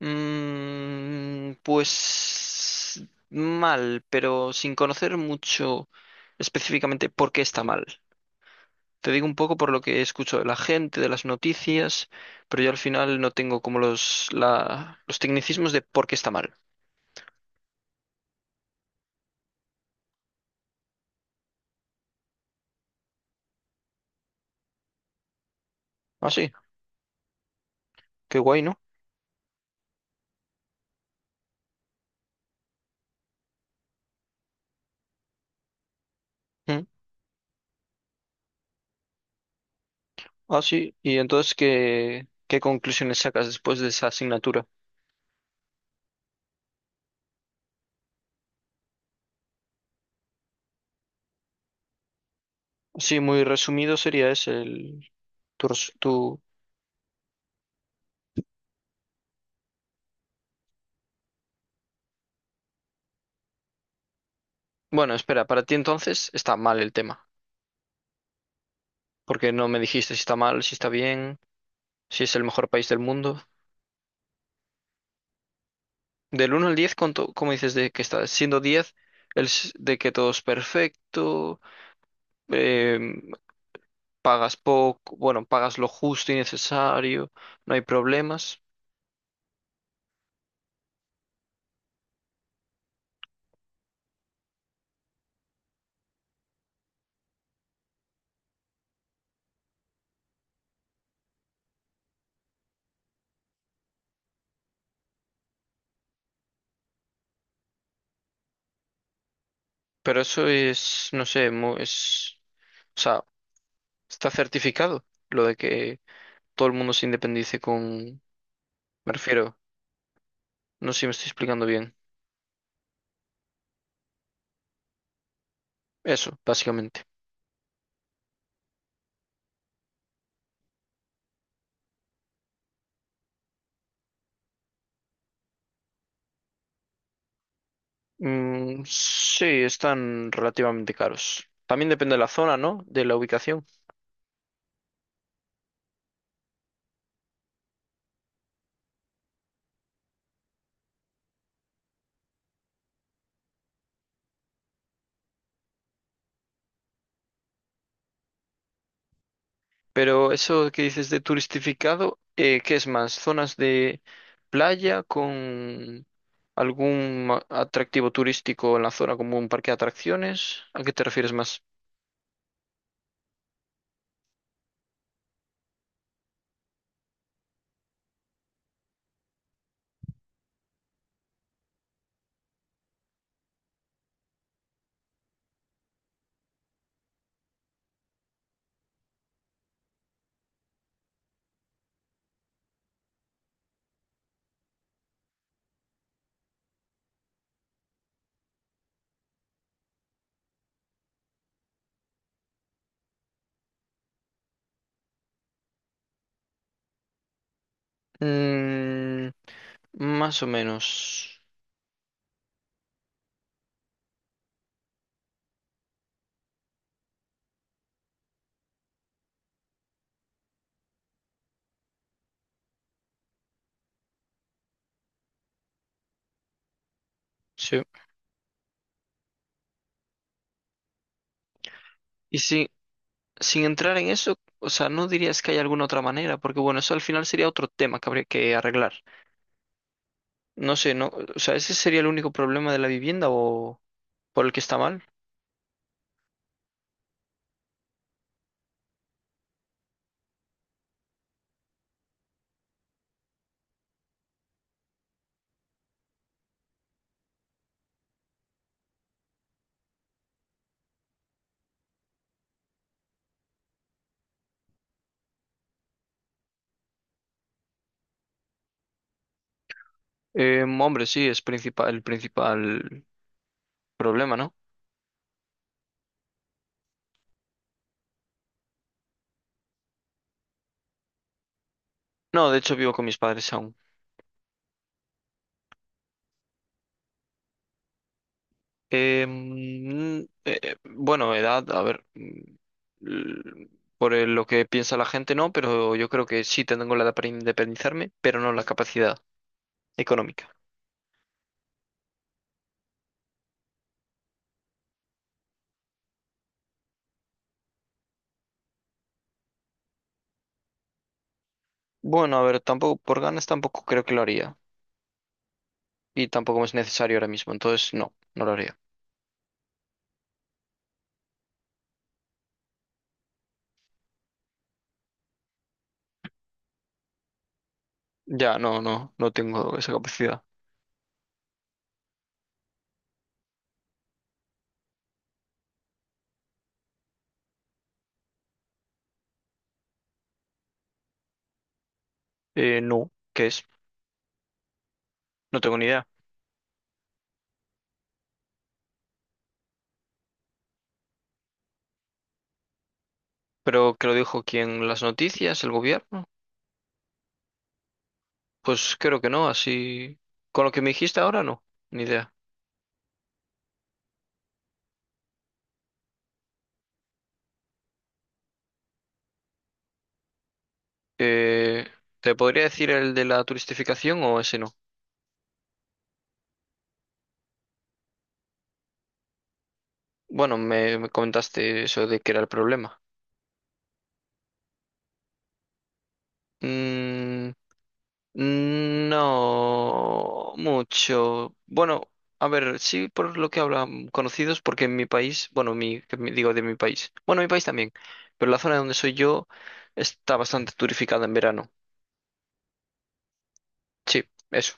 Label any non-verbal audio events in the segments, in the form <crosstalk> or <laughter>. Pues mal, pero sin conocer mucho específicamente por qué está mal. Te digo un poco por lo que escucho de la gente, de las noticias, pero yo al final no tengo como los tecnicismos de por qué está mal. Ah, sí, qué guay, ¿no? Mm. Ah, sí, y entonces, ¿qué conclusiones sacas después de esa asignatura? Sí, muy resumido sería ese, tu... Bueno, espera, para ti entonces está mal el tema. Porque no me dijiste si está mal, si está bien, si es el mejor país del mundo. Del uno al 10, ¿cómo dices de que está? Siendo 10 de que todo es perfecto, em, pagas poco, bueno, pagas lo justo y necesario, no hay problemas. Pero eso es, no sé, o sea, está certificado lo de que todo el mundo se independice con, me refiero, no sé si me estoy explicando bien. Eso, básicamente. Mm, sí, están relativamente caros. También depende de la zona, ¿no? De la ubicación. Pero eso que dices de turistificado, ¿qué es más? ¿Zonas de playa con atractivo turístico en la zona, como un parque de atracciones? ¿A qué te refieres más? Mm, más o menos. Sí. Y si, sin entrar en eso, o sea, no dirías que hay alguna otra manera, porque bueno, eso al final sería otro tema que habría que arreglar. No sé, no, o sea, ese sería el único problema de la vivienda o por el que está mal. Hombre, sí, es principal, el principal problema, ¿no? No, de hecho vivo con mis padres aún. Bueno, edad, a ver, l- por lo que piensa la gente, no, pero yo creo que sí tengo la edad para independizarme, pero no la capacidad económica. Bueno, a ver, tampoco, por ganas tampoco creo que lo haría y tampoco es necesario ahora mismo, entonces no, no lo haría. Ya, no tengo esa capacidad. No, ¿qué es? No tengo ni idea. ¿Pero que lo dijo quién? ¿Las noticias? ¿El gobierno? Pues creo que no, así... Con lo que me dijiste ahora no, ni idea. Eh, ¿Te podría decir el de la turistificación o ese no? Bueno, me comentaste eso de que era el problema. Mm, No mucho. Bueno, a ver, sí por lo que hablan conocidos, porque en mi país, bueno, digo de mi país, bueno, mi país también, pero la zona donde soy yo está bastante turificada en verano. Sí, eso.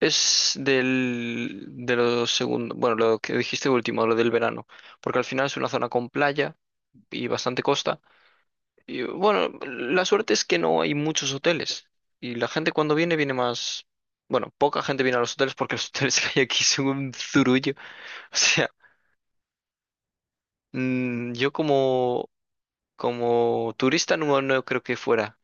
Es de lo segundo, bueno, lo que dijiste último, lo del verano, porque al final es una zona con playa y bastante costa. Y bueno, la suerte es que no hay muchos hoteles. Y la gente cuando viene, viene más. Bueno, poca gente viene a los hoteles porque los <laughs> hoteles que hay aquí son un zurullo. <laughs> O sea, mm, yo como, como turista no, no creo que fuera.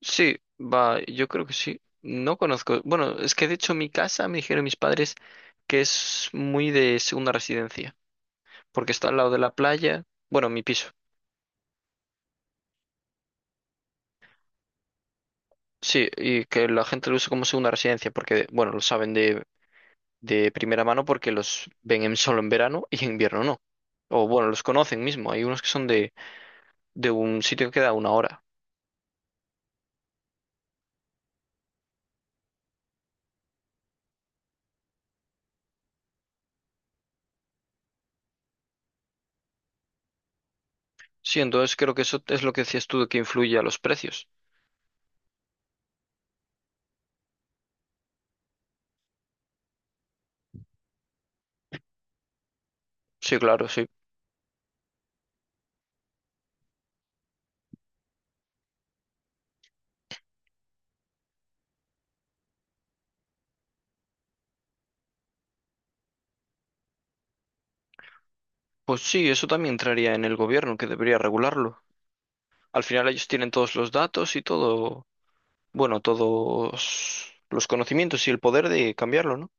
Sí, va, yo creo que sí. No conozco. Bueno, es que de hecho mi casa, me dijeron mis padres, que es muy de segunda residencia. Porque está al lado de la playa. Bueno, mi piso. Sí, y que la gente lo usa como segunda residencia porque, bueno, lo saben de primera mano porque los ven solo en verano y en invierno no. O bueno, los conocen mismo. Hay unos que son de un sitio que queda a una hora. Sí, entonces creo que eso es lo que decías tú de que influye a los precios. Sí, claro, sí. Pues sí, eso también entraría en el gobierno, que debería regularlo. Al final ellos tienen todos los datos y todo, bueno, todos los conocimientos y el poder de cambiarlo, ¿no?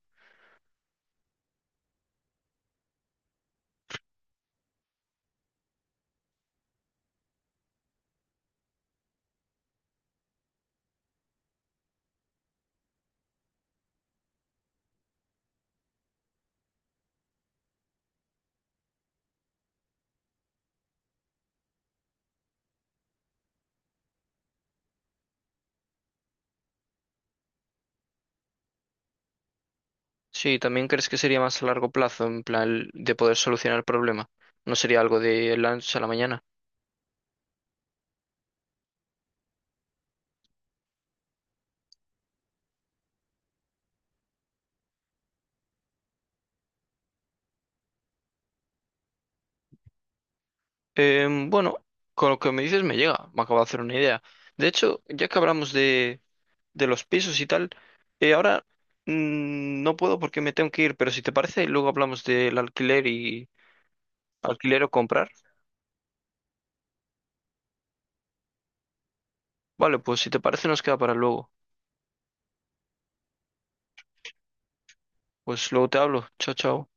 Sí, ¿también crees que sería más a largo plazo, en plan de poder solucionar el problema? ¿No sería algo de la noche a la mañana? Bueno, con lo que me dices me llega, me acabo de hacer una idea. De hecho, ya que hablamos de los pisos y tal, ahora no puedo porque me tengo que ir, pero si te parece, luego hablamos del alquiler o comprar. Vale, pues si te parece nos queda para luego. Pues luego te hablo. Chao, chao.